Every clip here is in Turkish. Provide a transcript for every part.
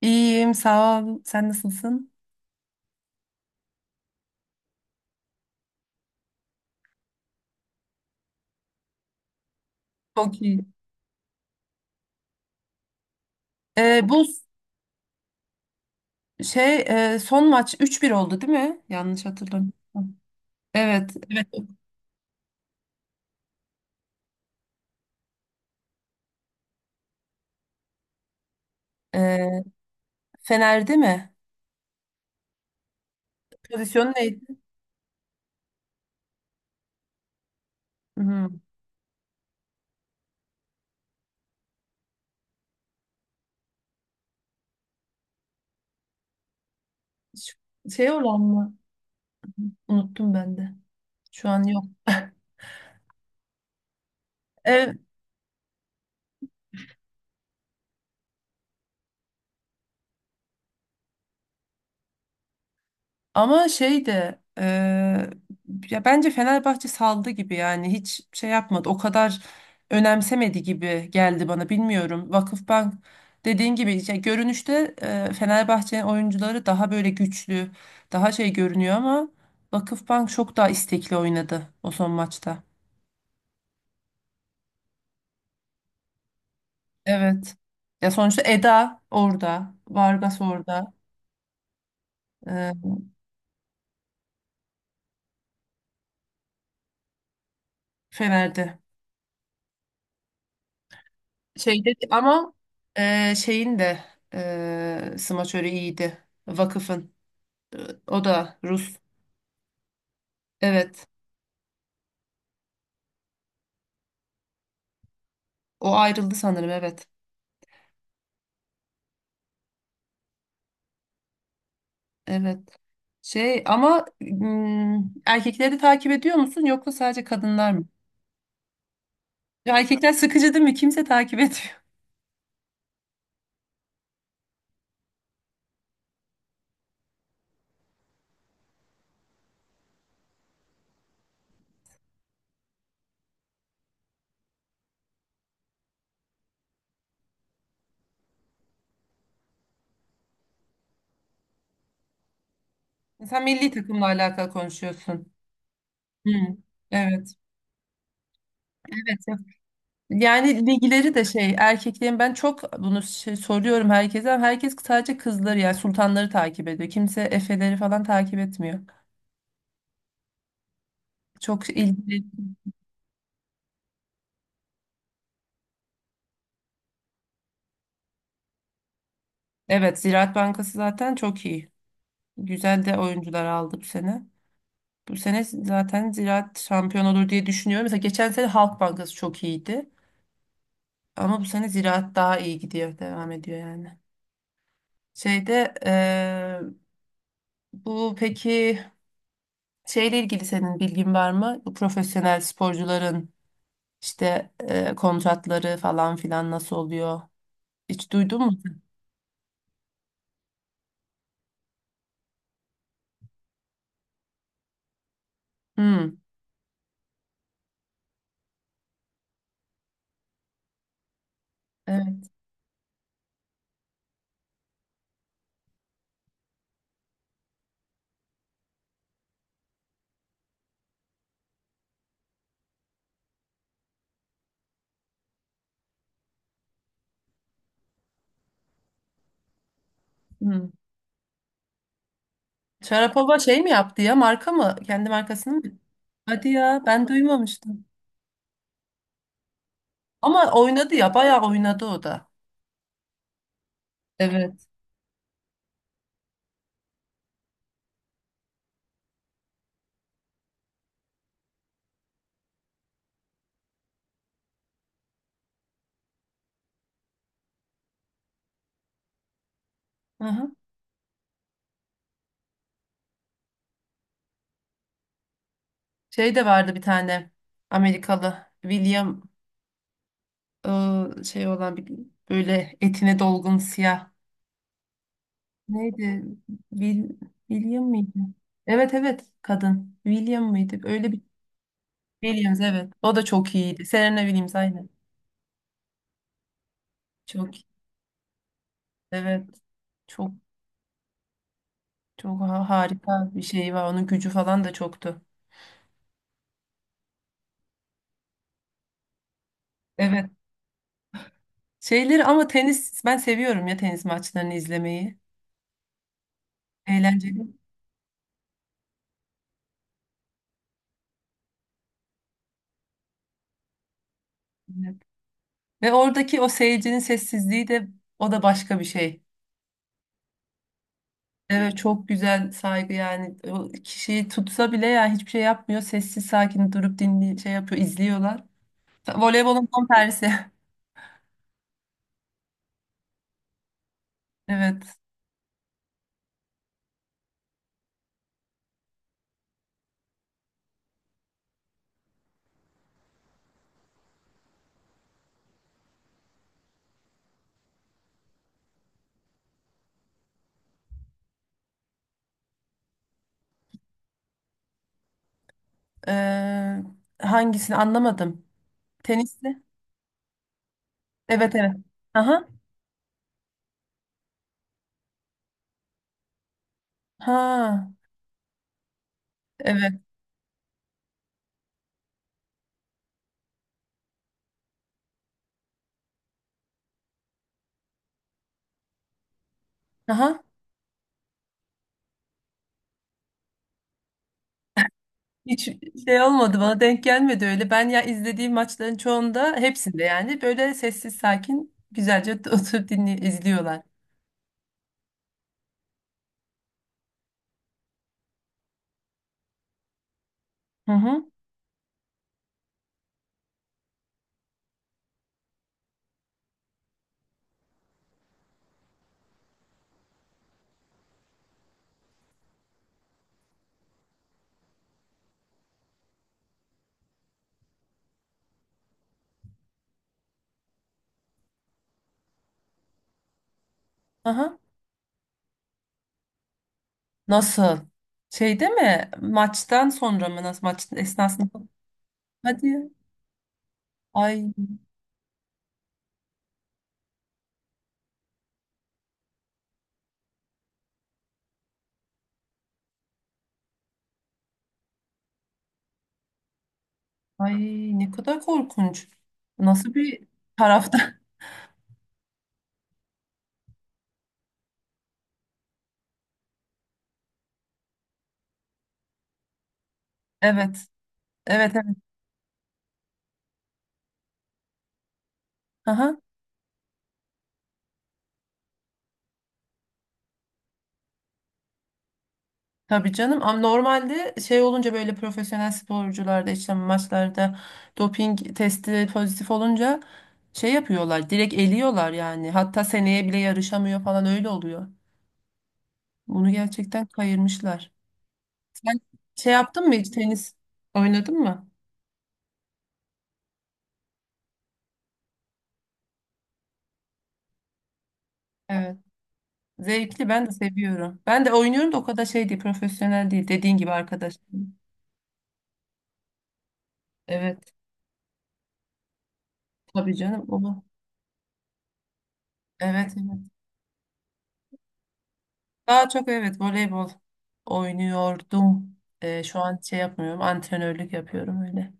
İyiyim, sağ ol. Sen nasılsın? Çok iyi. Ee, bu şey son maç 3-1 oldu değil mi? Yanlış hatırlamıyorum. Evet. Evet. Ee, Fener'de mi? Pozisyon neydi? Hmm. Ş- Şey olan mı? Unuttum ben de. Şu an yok. Ee, Ama şey de ya bence Fenerbahçe saldı gibi yani hiç şey yapmadı. O kadar önemsemedi gibi geldi bana bilmiyorum. Vakıfbank dediğin gibi ya görünüşte Fenerbahçe'nin oyuncuları daha böyle güçlü, daha şey görünüyor ama Vakıfbank çok daha istekli oynadı o son maçta. Evet. Ya sonuçta Eda orada, Vargas orada, eee Fener'de. Şeyde ama şeyin de smaçörü iyiydi. Vakıf'ın. E, O da Rus. Evet. O ayrıldı sanırım. Evet. Evet. Şey ama erkekleri takip ediyor musun yoksa sadece kadınlar mı? Ya erkekler sıkıcı değil mi? Kimse takip etmiyor. Sen milli takımla alakalı konuşuyorsun. Hı. Evet. Evet. Yani ligleri de şey erkeklerin ben çok bunu şey, soruyorum herkese ama herkes sadece kızları yani sultanları takip ediyor. Kimse Efe'leri falan takip etmiyor. Çok ilgili. Evet, Ziraat Bankası zaten çok iyi. Güzel de oyuncular aldı bu sene. Bu sene zaten Ziraat şampiyon olur diye düşünüyorum. Mesela geçen sene Halk Bankası çok iyiydi. Ama bu sene Ziraat daha iyi gidiyor. Devam ediyor yani. Şeyde bu peki şeyle ilgili senin bilgin var mı? Bu profesyonel sporcuların İşte kontratları falan filan nasıl oluyor? Hiç duydun mu? Hmm, evet. Hmm. Sharapova şey mi yaptı ya? Marka mı? Kendi markasını mı? Hadi ya, ben duymamıştım. Ama oynadı ya, bayağı oynadı o da. Evet. Aha. Şey de vardı bir tane Amerikalı William şey olan bir böyle etine dolgun siyah. Neydi? Wil- William mıydı? Evet, evet, kadın. William mıydı? Öyle bir Williams evet. O da çok iyiydi. Serena Williams aynen. Çok iyi. Evet. Çok Harika bir şey var. Onun gücü falan da çoktu. Evet. Şeyleri ama tenis ben seviyorum ya, tenis maçlarını izlemeyi. Eğlenceli. Evet. Ve oradaki o seyircinin sessizliği de o da başka bir şey. Evet, çok güzel saygı, yani o kişiyi tutsa bile yani hiçbir şey yapmıyor. Sessiz sakin durup dinli şey yapıyor, izliyorlar. Voleybolun tam tersi. Evet. Ee, Hangisini anlamadım. Tenisli. Evet, evet. Aha. Ha. Evet. Aha. Hiç şey olmadı, bana denk gelmedi öyle. Ben ya izlediğim maçların çoğunda hepsinde yani böyle sessiz sakin güzelce oturup dinli izliyorlar. Hı hı. Aha. Nasıl? Şeyde mi? Maçtan sonra mı? Nasıl, maç esnasında? Hadi ya. Ay ay, ne kadar korkunç. Nasıl bir tarafta? Evet. Evet, evet. Aha. Tabii canım, ama normalde şey olunca böyle profesyonel sporcularda işte maçlarda doping testi pozitif olunca şey yapıyorlar, direkt eliyorlar yani, hatta seneye bile yarışamıyor falan öyle oluyor. Bunu gerçekten kayırmışlar. Sen şey yaptın mı hiç, tenis oynadın mı? Evet. Zevkli, ben de seviyorum. Ben de oynuyorum da o kadar şey değil, profesyonel değil, dediğin gibi arkadaş. Evet, tabii canım o. Evet, evet. Daha çok evet, voleybol oynuyordum. Şu an şey yapmıyorum. Antrenörlük yapıyorum öyle.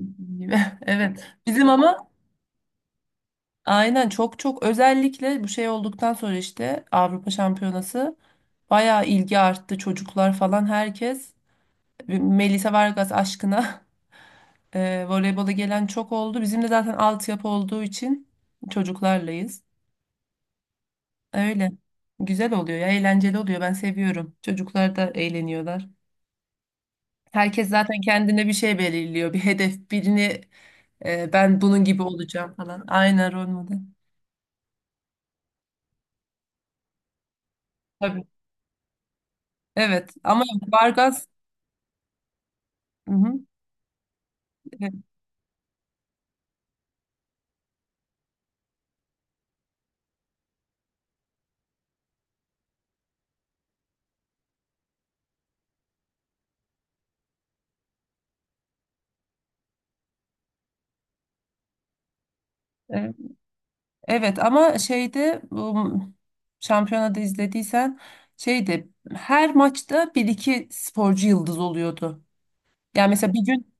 Bildiğin gibi. Evet. Bizim ama aynen, çok çok özellikle bu şey olduktan sonra işte Avrupa Şampiyonası bayağı ilgi arttı. Çocuklar falan herkes Melisa Vargas aşkına voleybola gelen çok oldu. Bizim de zaten altyapı olduğu için çocuklarlayız. Öyle. Güzel oluyor ya, eğlenceli oluyor. Ben seviyorum. Çocuklar da eğleniyorlar. Herkes zaten kendine bir şey belirliyor, bir hedef, birini ben bunun gibi olacağım falan. Aynen, rol model. Tabii. Evet ama Vargas hı hı. Evet, evet. Evet, ama şeyde bu şampiyonada izlediysen şeyde her maçta bir iki sporcu yıldız oluyordu. Yani mesela bir gün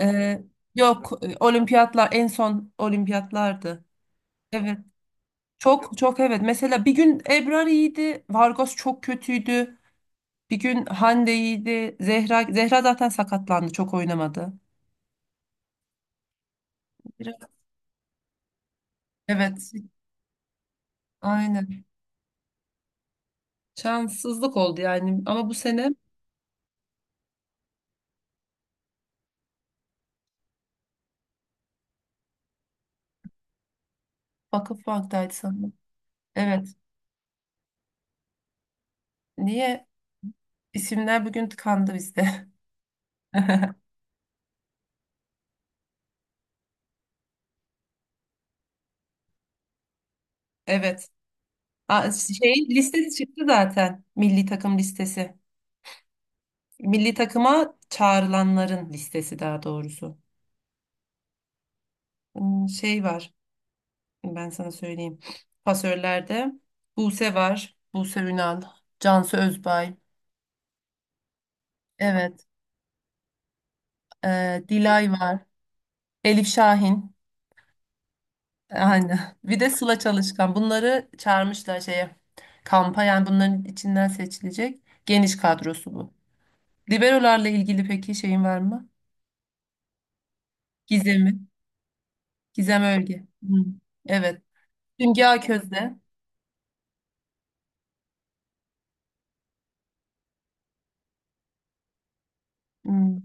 e, yok olimpiyatlar, en son olimpiyatlardı. Evet. Çok çok, evet. Mesela bir gün Ebrar iyiydi, Vargas çok kötüydü. Bir gün Hande'ydi. Zehra zaten sakatlandı, çok oynamadı. Biraz. Evet, aynen. Şanssızlık oldu yani. Ama bu sene Vakıf Bank'taydı sanırım. Evet. Niye? İsimler bugün tıkandı bizde. Evet. Aa, şey listesi çıktı zaten. Milli takım listesi. Milli takıma çağrılanların listesi, daha doğrusu. Hmm, şey var. Ben sana söyleyeyim. Pasörlerde Buse var. Buse Ünal. Cansu Özbay. Evet. Dilay var. Elif Şahin. Aynen. Bir de Sıla Çalışkan. Bunları çağırmışlar şeye. Kampa yani, bunların içinden seçilecek geniş kadrosu bu. Liberolarla ilgili peki şeyin var mı? Gizem'i. Gizem Ölge. Hı. Evet. Simge Aköz'de. Hı.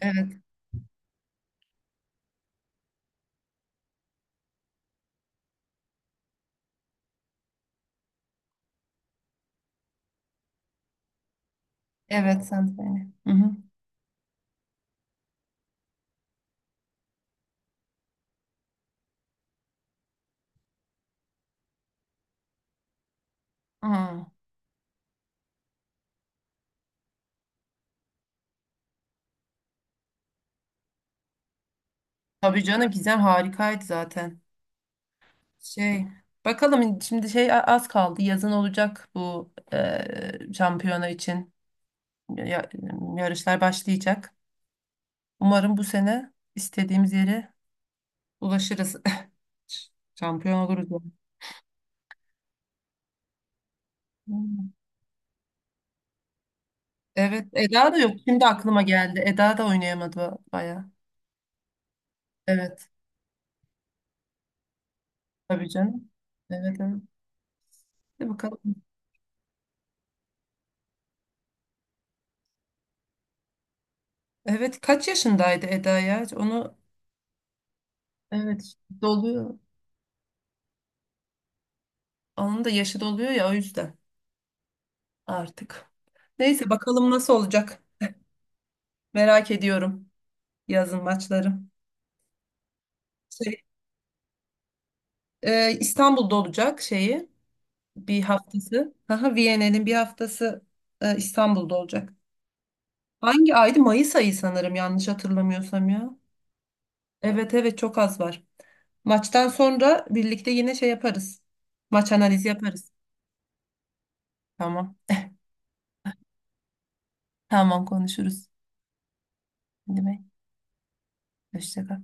Evet. Evet, sen söyle. Hı hı. Hı. Tabii canım, Gizem harikaydı zaten. Şey, bakalım şimdi şey az kaldı. Yazın olacak bu şampiyona için. ya- Yarışlar başlayacak. Umarım bu sene istediğimiz yere ulaşırız. Şampiyon oluruz ya. Hmm. Evet, Eda da yok. Şimdi aklıma geldi. Eda da oynayamadı baya. Evet, tabii canım. Evet, evet. Hadi bakalım. Evet, kaç yaşındaydı Eda ya? Onu evet doluyor. Onun da yaşı doluyor ya, o yüzden artık. Neyse bakalım nasıl olacak. Merak ediyorum yazın maçları. Şey, İstanbul'da olacak şeyi. Bir haftası. Haha, Viyana'nın bir haftası İstanbul'da olacak. Hangi aydı? Mayıs ayı sanırım, yanlış hatırlamıyorsam ya. Evet, evet, çok az var. Maçtan sonra birlikte yine şey yaparız. Maç analizi yaparız. Tamam. Tamam, konuşuruz. Değil mi? Hoşça kal.